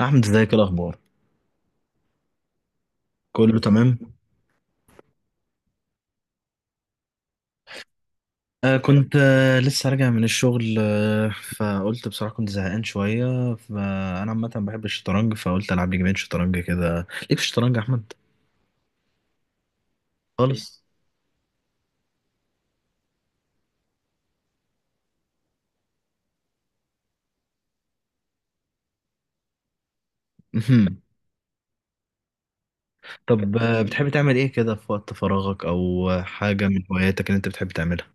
أحمد ازيك؟ إيه الأخبار؟ كله تمام؟ كنت لسه راجع من الشغل. فقلت بصراحة كنت زهقان شوية، فأنا عامة بحب الشطرنج، فقلت ألعب لي جيمين شطرنج كده. ليك في الشطرنج يا أحمد؟ خالص؟ مهم. طب بتحب تعمل إيه كده في وقت فراغك، أو حاجة من هواياتك اللي أنت بتحب تعملها؟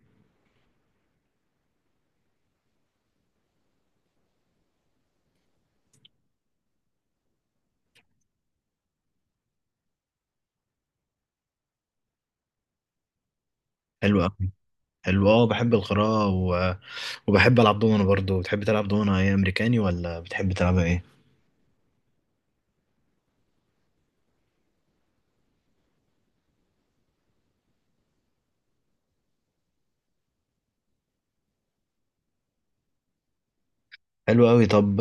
حلو أوي. حلو. أه بحب القراءة وبحب ألعب دومنة برضه. بتحب تلعب دومنة إيه، أمريكاني ولا بتحب تلعبها إيه؟ حلو أوي. طب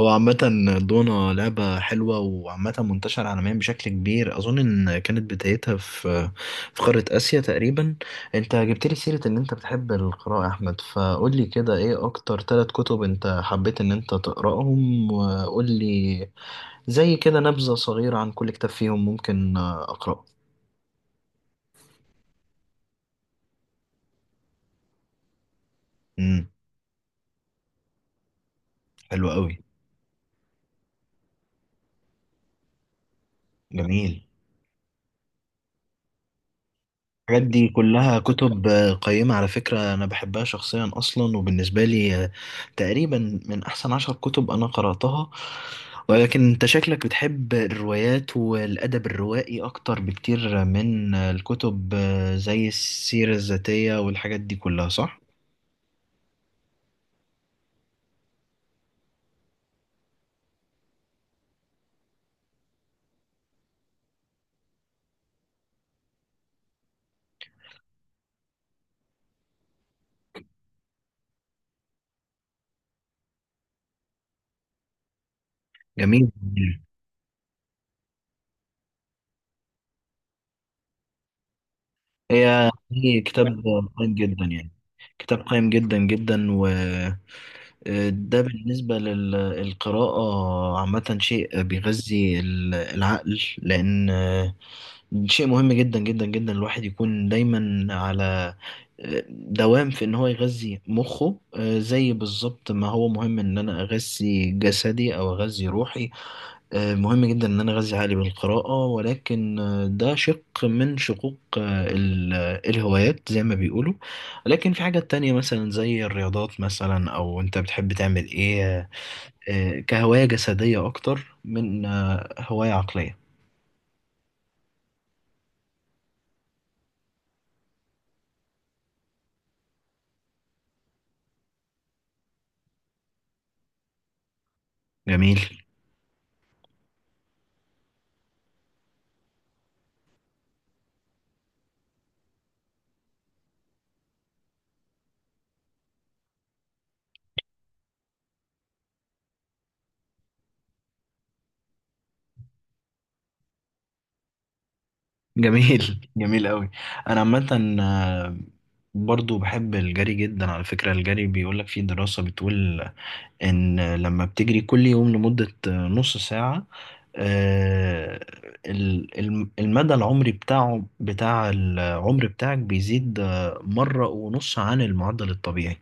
هو عامة دونا لعبة حلوة، وعامة منتشرة عالميا بشكل كبير. أظن إن كانت بدايتها في قارة آسيا تقريبا. أنت جبت لي سيرة إن أنت بتحب القراءة يا أحمد، فقول لي كده إيه أكتر ثلاث كتب أنت حبيت إن أنت تقرأهم، وقول لي زي كده نبذة صغيرة عن كل كتاب فيهم ممكن أقرأه. امم حلو قوي. جميل. الحاجات دي كلها كتب قيمة على فكرة، أنا بحبها شخصيا أصلا، وبالنسبة لي تقريبا من أحسن عشر كتب أنا قرأتها. ولكن أنت شكلك بتحب الروايات والأدب الروائي أكتر بكتير من الكتب زي السيرة الذاتية والحاجات دي كلها، صح؟ جميل. هي كتاب قيم جدا يعني، كتاب قيم جدا جدا. ده بالنسبة للقراءة عامة، شيء بيغذي العقل، لأن شيء مهم جدا جدا جدا الواحد يكون دايما على دوام في ان هو يغذي مخه، زي بالظبط ما هو مهم ان انا اغذي جسدي او اغذي روحي. مهم جدا ان انا اغذي عقلي بالقراءة، ولكن ده شق من شقوق الهوايات زي ما بيقولوا. لكن في حاجات تانية مثلا زي الرياضات مثلا، او انت بتحب تعمل ايه كهواية جسدية اكتر من هواية عقلية. جميل. جميل جميل قوي. انا عامه برضو بحب الجري جدا على فكره. الجري بيقولك في دراسه بتقول ان لما بتجري كل يوم لمده نص ساعه، آه، المدى العمري بتاعه، بتاع العمر بتاعك، بيزيد مره ونص عن المعدل الطبيعي.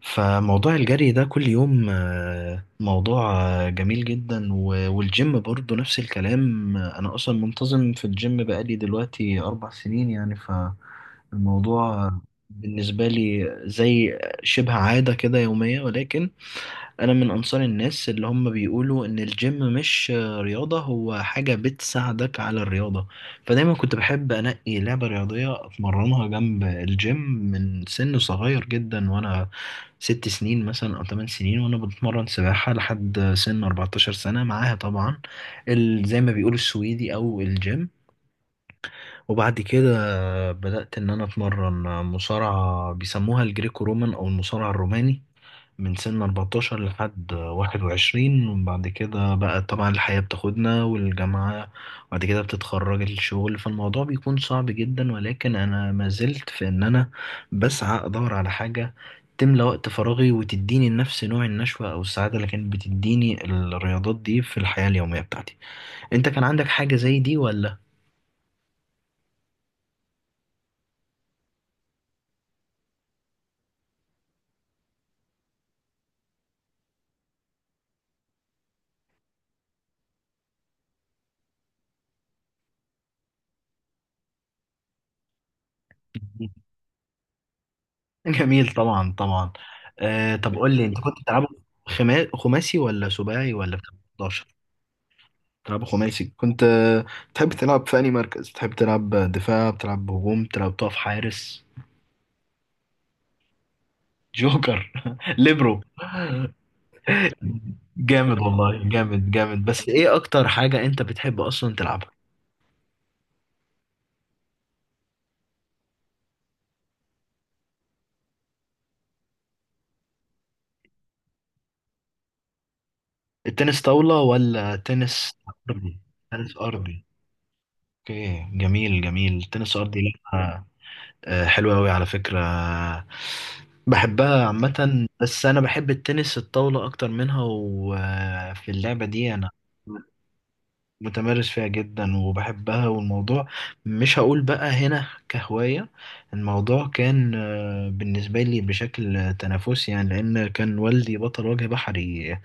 فموضوع الجري ده كل يوم موضوع جميل جدا. والجيم برضو نفس الكلام. أنا أصلا منتظم في الجيم بقالي دلوقتي 4 سنين يعني، فالموضوع بالنسبة لي زي شبه عادة كده يومية. ولكن انا من انصار الناس اللي هم بيقولوا ان الجيم مش رياضة، هو حاجة بتساعدك على الرياضة. فدايما كنت بحب انقي لعبة رياضية اتمرنها جنب الجيم من سن صغير جدا، وانا 6 سنين مثلا او 8 سنين وانا بتمرن سباحة لحد سن 14 سنة، معاها طبعا زي ما بيقولوا السويدي او الجيم. وبعد كده بدأت ان انا اتمرن مصارعة بيسموها الجريكو رومان او المصارعة الروماني من سن 14 لحد 21. وبعد كده بقى طبعا الحياة بتاخدنا، والجامعة، وبعد كده بتتخرج الشغل، فالموضوع بيكون صعب جدا. ولكن أنا ما زلت في إن أنا بسعى أدور على حاجة تملى وقت فراغي، وتديني نفس نوع النشوة أو السعادة اللي كانت بتديني الرياضات دي في الحياة اليومية بتاعتي. أنت كان عندك حاجة زي دي ولا؟ جميل. طبعا طبعا. آه طب قول لي، أنت كنت بتلعب خماسي ولا سباعي ولا بتلعب 11؟ تلعب خماسي. كنت تحب تلعب في أي مركز؟ بتحب تلعب دفاع، بتلعب هجوم، بتلعب تقف حارس؟ جوكر ليبرو. جامد والله، جامد جامد. بس ايه اكتر حاجة انت بتحب اصلا تلعبها؟ التنس طاولة ولا تنس ارضي؟ تنس ارضي. اوكي جميل. جميل التنس الارضي، لعبة حلوة اوي على فكرة، بحبها عامة. بس انا بحب التنس الطاولة اكتر منها، وفي اللعبة دي انا متمرس فيها جدا وبحبها. والموضوع مش هقول بقى هنا كهواية، الموضوع كان بالنسبة لي بشكل تنافسي يعني، لأن كان والدي بطل وجه بحري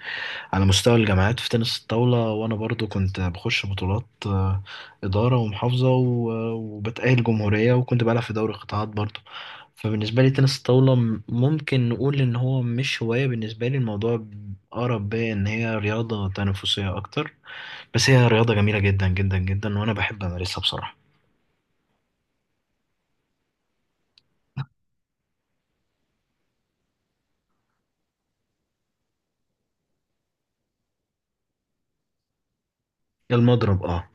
على مستوى الجامعات في تنس الطاولة. وأنا برضو كنت بخش بطولات إدارة ومحافظة، وبتأهل جمهورية، وكنت بلعب في دوري قطاعات برضو. فبالنسبة لي تنس الطاولة ممكن نقول إن هو مش هواية بالنسبة لي، الموضوع أقرب بيا إن هي رياضة تنافسية أكتر. بس هي رياضة جميلة جدا جدا جدا، وأنا بحب أمارسها بصراحة. المضرب أه.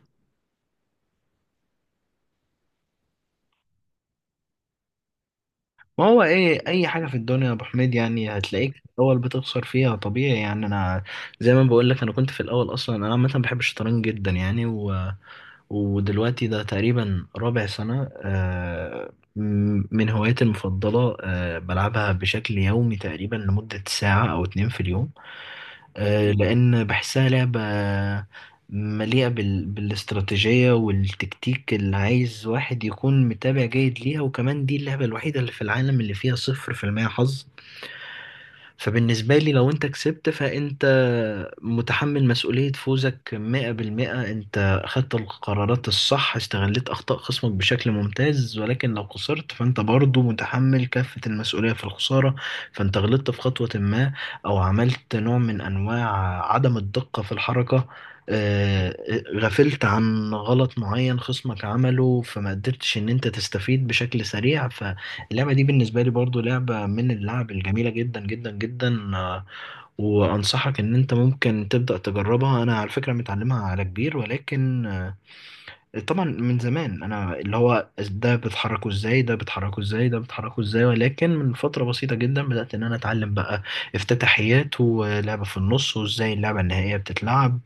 ما هو إيه، أي حاجة في الدنيا يا أبو حميد يعني هتلاقيك في الأول بتخسر فيها، طبيعي يعني. أنا زي ما بقول لك، أنا كنت في الأول أصلا. أنا عامة بحب الشطرنج جدا يعني، ودلوقتي ده تقريبا رابع سنة من هواياتي المفضلة، بلعبها بشكل يومي تقريبا لمدة ساعة أو اتنين في اليوم، لأن بحسها لعبة مليئة بالاستراتيجية والتكتيك، اللي عايز واحد يكون متابع جيد ليها. وكمان دي اللعبة الوحيدة اللي في العالم اللي فيها صفر في المية حظ. فبالنسبة لي لو انت كسبت، فانت متحمل مسؤولية فوزك 100%، انت اخدت القرارات الصح، استغلت اخطاء خصمك بشكل ممتاز. ولكن لو خسرت فانت برضو متحمل كافة المسؤولية في الخسارة، فانت غلطت في خطوة ما، او عملت نوع من انواع عدم الدقة في الحركة، آه، غفلت عن غلط معين خصمك عمله، فما قدرتش ان انت تستفيد بشكل سريع. ف اللعبة دي بالنسبة لي برضو لعبة من اللعب الجميلة جدا جدا جدا. وأنصحك إن أنت ممكن تبدأ تجربها. أنا على فكرة متعلمها على كبير، ولكن طبعا من زمان أنا اللي هو ده بتحركه إزاي، ده بتحركه إزاي، ده بتحركه إزاي. ولكن من فترة بسيطة جدا بدأت إن أنا أتعلم بقى افتتاحيات، ولعبة في النص، وإزاي اللعبة النهائية بتتلعب.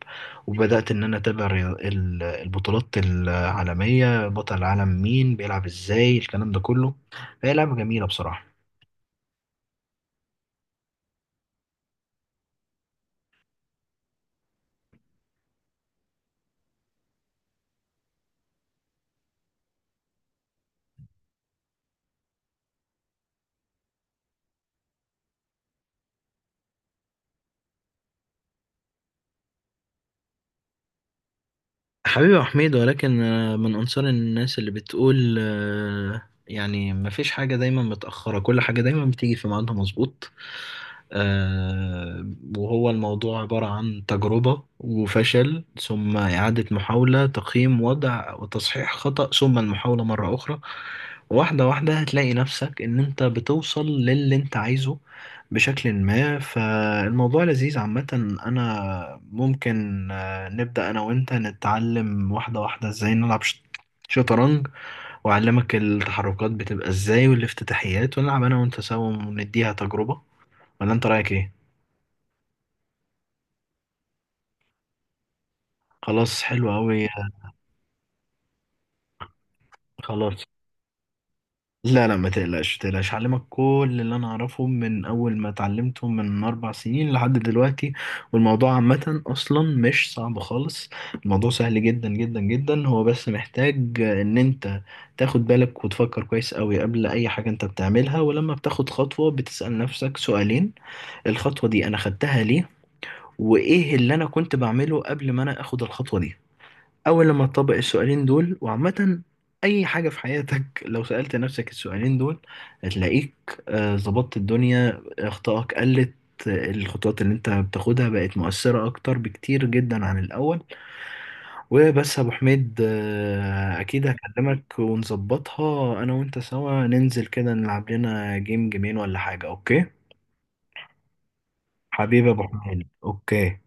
وبدأت إن أنا أتابع البطولات العالمية، بطل العالم مين، بيلعب إزاي، الكلام ده كله. فهي لعبة جميلة بصراحة. حبيبي يا حميد. ولكن من أنصار الناس اللي بتقول يعني مفيش حاجة دايما متأخرة، كل حاجة دايما بتيجي في ميعادها مظبوط. آه، وهو الموضوع عبارة عن تجربة وفشل، ثم إعادة محاولة، تقييم وضع، وتصحيح خطأ، ثم المحاولة مرة أخرى. واحدة واحدة هتلاقي نفسك إن أنت بتوصل للي أنت عايزه بشكل ما. فالموضوع لذيذ عامة. أنا ممكن نبدأ أنا وأنت نتعلم واحدة واحدة إزاي نلعب شطرنج، وأعلمك التحركات بتبقى إزاي والافتتاحيات، ونلعب أنا وأنت سوا ونديها تجربة. ولا أنت رأيك إيه؟ خلاص حلو أوي. خلاص. لا، ما تقلقش، هعلمك كل اللي انا اعرفه من اول ما اتعلمته من 4 سنين لحد دلوقتي. والموضوع عامة اصلا مش صعب خالص، الموضوع سهل جدا جدا جدا. هو بس محتاج ان انت تاخد بالك وتفكر كويس قوي قبل اي حاجة انت بتعملها. ولما بتاخد خطوة، بتسأل نفسك سؤالين: الخطوة دي انا خدتها ليه، وايه اللي انا كنت بعمله قبل ما انا اخد الخطوة دي. أول لما تطبق السؤالين دول، وعامة أي حاجة في حياتك لو سألت نفسك السؤالين دول، هتلاقيك ظبطت الدنيا، أخطائك قلت، الخطوات اللي أنت بتاخدها بقت مؤثرة أكتر بكتير جدا عن الأول. وبس يا أبو حميد، أكيد هكلمك ونظبطها أنا وأنت سوا، ننزل كده نلعب لنا جيم جيمين ولا حاجة، أوكي؟ حبيبي يا أبو حميد، أوكي.